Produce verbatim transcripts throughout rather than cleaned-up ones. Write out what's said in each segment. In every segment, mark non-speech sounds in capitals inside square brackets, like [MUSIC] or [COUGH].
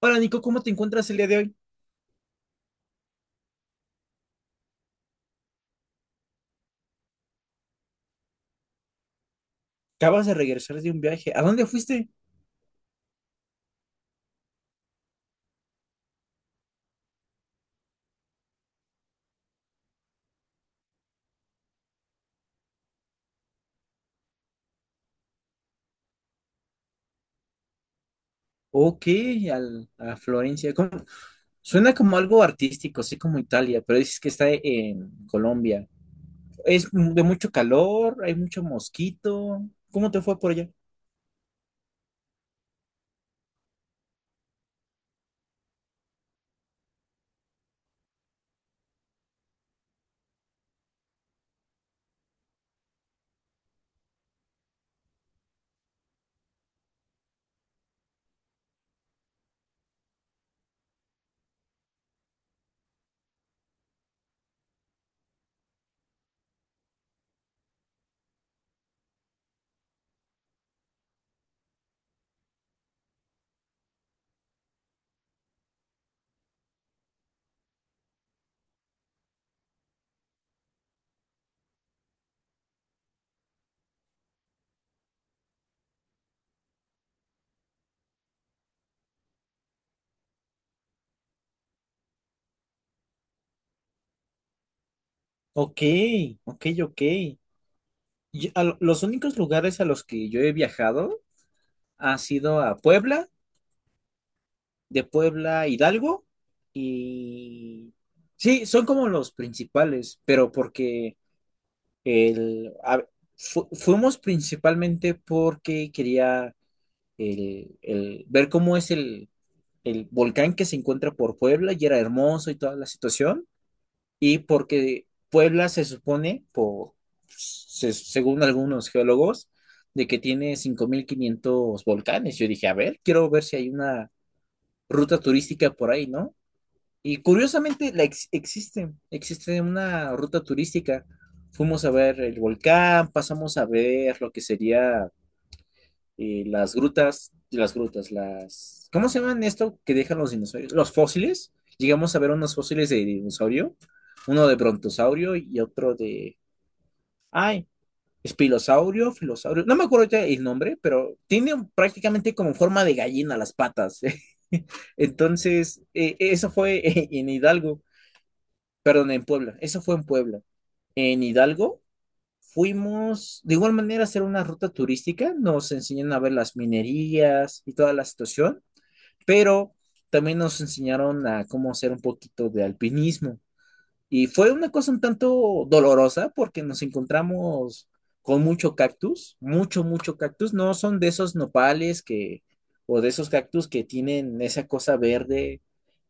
Hola Nico, ¿cómo te encuentras el día de hoy? Acabas de regresar de un viaje. ¿A dónde fuiste? Ok, al, a Florencia. ¿Cómo? Suena como algo artístico, así como Italia, pero dices que está en Colombia. ¿Es de mucho calor? ¿Hay mucho mosquito? ¿Cómo te fue por allá? Ok, ok, ok. Yo- a lo- los únicos lugares a los que yo he viajado ha sido a Puebla, de Puebla a Hidalgo y... Sí, son como los principales, pero porque... El, a- fu- fuimos principalmente porque quería el, el- ver cómo es el, el volcán que se encuentra por Puebla y era hermoso y toda la situación. Y porque Puebla se supone, por, se- según algunos geólogos, de que tiene cinco mil quinientos volcanes. Yo dije, a ver, quiero ver si hay una ruta turística por ahí, ¿no? Y curiosamente la ex- existe, existe una ruta turística. Fuimos a ver el volcán, pasamos a ver lo que sería eh, las grutas, las grutas, las... ¿cómo se llaman esto que dejan los dinosaurios? Los fósiles. Llegamos a ver unos fósiles de dinosaurio, uno de brontosaurio y otro de, ay, espilosaurio, filosaurio. No me acuerdo ahorita el nombre, pero tiene un- prácticamente como forma de gallina las patas. [LAUGHS] Entonces, eh, eso fue eh, en Hidalgo. Perdón, en Puebla. Eso fue en Puebla. En Hidalgo fuimos de igual manera a hacer una ruta turística. Nos enseñaron a ver las minerías y toda la situación, pero también nos enseñaron a cómo hacer un poquito de alpinismo. Y fue una cosa un tanto dolorosa porque nos encontramos con mucho cactus, mucho, mucho cactus. No son de esos nopales que, o de esos cactus que tienen esa cosa verde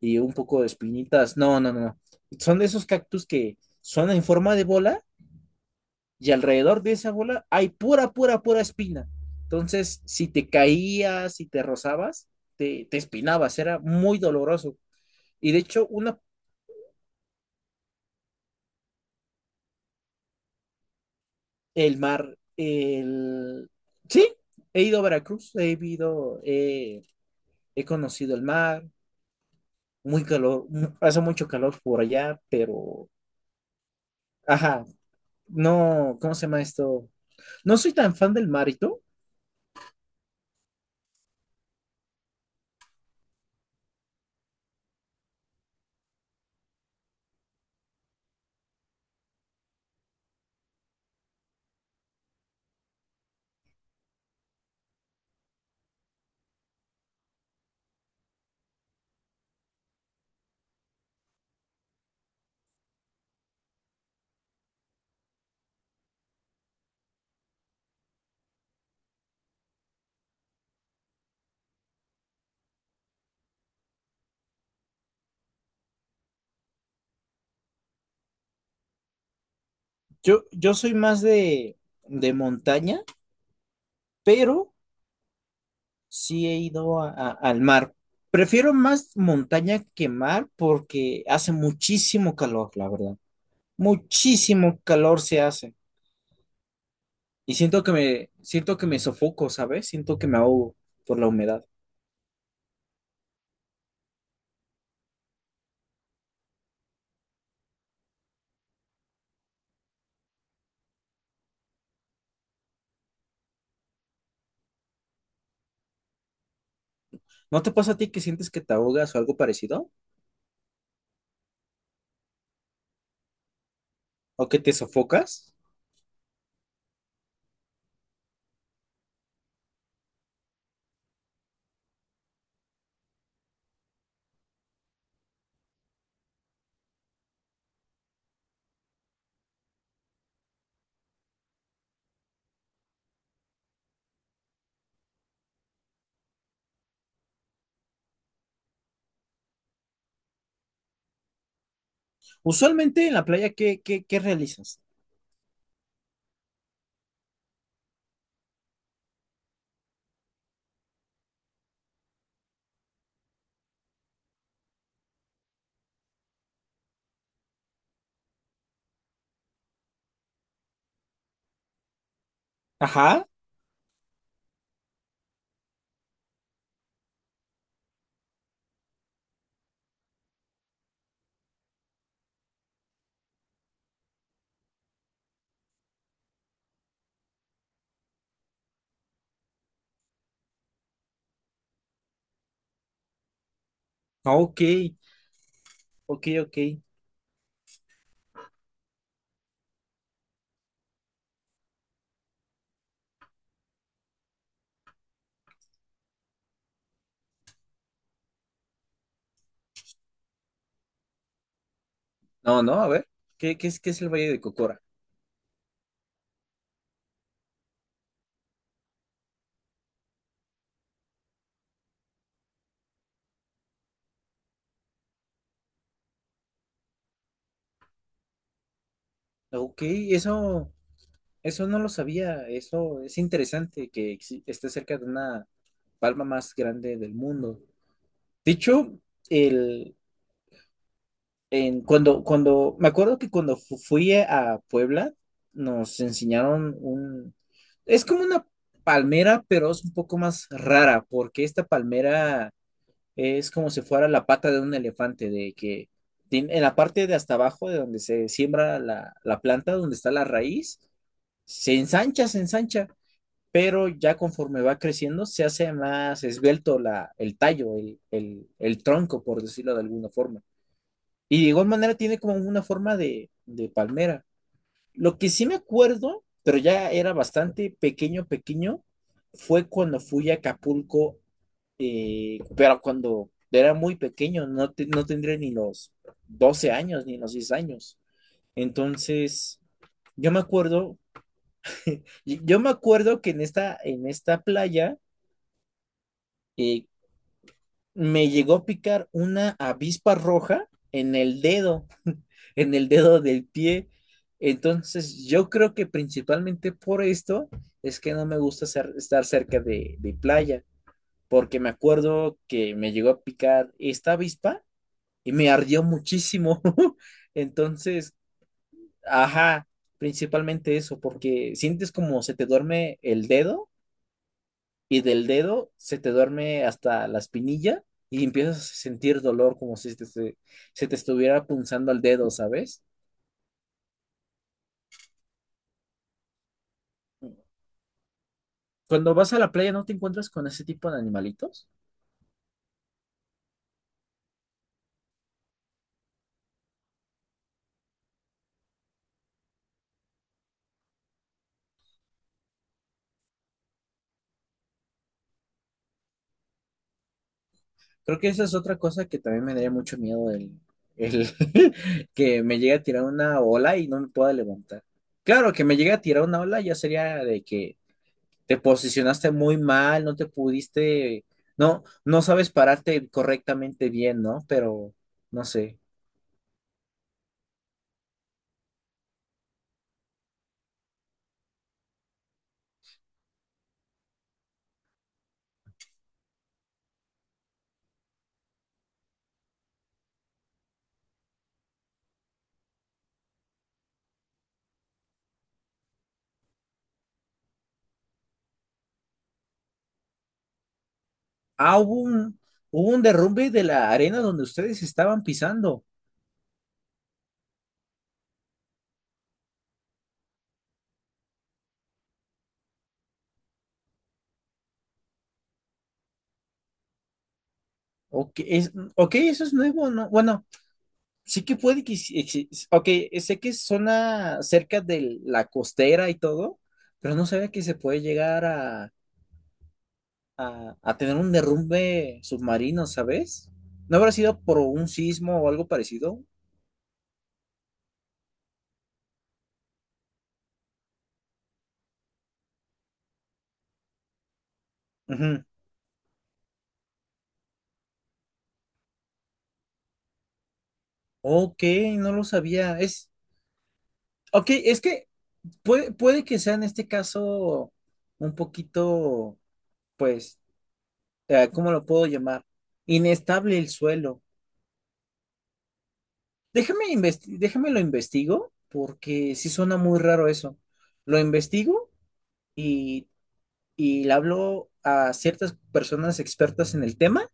y un poco de espinitas. No, no, no, no. Son de esos cactus que son en forma de bola y alrededor de esa bola hay pura, pura, pura espina. Entonces, si te caías, si te rozabas, te, te espinabas, era muy doloroso. Y de hecho, una, el mar, el... sí, he ido a Veracruz, he ido, eh, he conocido el mar, muy calor, mu- hace mucho calor por allá, pero, ajá, no, ¿cómo se llama esto? No soy tan fan del marito. Yo, yo soy más de, de montaña, pero sí he ido a- a- al mar. Prefiero más montaña que mar porque hace muchísimo calor, la verdad. Muchísimo calor se hace. Y siento que me, siento que me sofoco, ¿sabes? Siento que me ahogo por la humedad. ¿No te pasa a ti que sientes que te ahogas o algo parecido? ¿O que te sofocas? Usualmente en la playa, ¿qué, qué, qué realizas? Ajá. Ah, ok, ok, ok. No, no, a ver, ¿qué, qué es, qué es el Valle de Cocora? Ok, eso, eso no lo sabía. Eso es interesante que exi- esté cerca de una palma más grande del mundo. De hecho, el, en, cuando, cuando, me acuerdo que cuando fu- fui a Puebla, nos enseñaron un, es como una palmera, pero es un poco más rara, porque esta palmera es como si fuera la pata de un elefante, de que tiene- en la parte de hasta abajo, de donde se siembra la, la planta, donde está la raíz se ensancha, se ensancha, pero ya conforme va creciendo se hace más esbelto la, el tallo, el, el, el tronco, por decirlo de alguna forma. Y de igual manera tiene como una forma de, de palmera. Lo que sí me acuerdo, pero ya era bastante pequeño, pequeño, fue cuando fui a Acapulco, eh, pero cuando era muy pequeño, no, te- no tendría ni los doce años, ni los diez años. Entonces, yo me acuerdo y Yo me acuerdo que en esta, en esta playa, eh, me llegó a picar una avispa roja en el dedo, [LAUGHS] en el dedo del pie. Entonces, yo creo que principalmente por esto es que no me gusta ser- estar cerca de, de playa, porque me acuerdo que me llegó a picar esta avispa y me ardió muchísimo. [LAUGHS] Entonces, ajá, principalmente eso, porque sientes como se te duerme el dedo y del dedo se te duerme hasta la espinilla y empiezas a sentir dolor como si te- se, se te estuviera punzando el dedo, ¿sabes? Cuando vas a la playa no te encuentras con ese tipo de animalitos. Creo que esa es otra cosa que también me daría mucho miedo el, el [LAUGHS] que me llegue a tirar una ola y no me pueda levantar. Claro, que me llegue a tirar una ola ya sería de que te posicionaste muy mal, no te pudiste, no, no sabes pararte correctamente bien, ¿no? Pero no sé. Ah, hubo un, hubo un derrumbe de la arena donde ustedes estaban pisando. Ok, es, ok, eso es nuevo, ¿no? Bueno, sí que puede que... sí exi- ok, sé que es zona cerca de la costera y todo, pero no sabía que se puede llegar a, a, a tener un derrumbe submarino, ¿sabes? ¿No habrá sido por un sismo o algo parecido? Ujú. Ok, no lo sabía. Es, ok, es que puede, puede que sea en este caso un poquito, pues sea, ¿cómo lo puedo llamar? Inestable el suelo. Déjame investi- déjame lo investigo, porque sí suena muy raro eso. Lo investigo y, y le hablo a ciertas personas expertas en el tema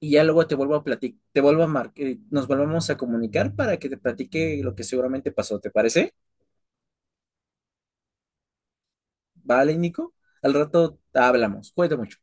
y ya luego te vuelvo a platicar, te vuelvo a mar- eh, nos volvemos a comunicar para que te platique lo que seguramente pasó. ¿Te parece? Vale, Nico. Al rato hablamos. Cuídate mucho.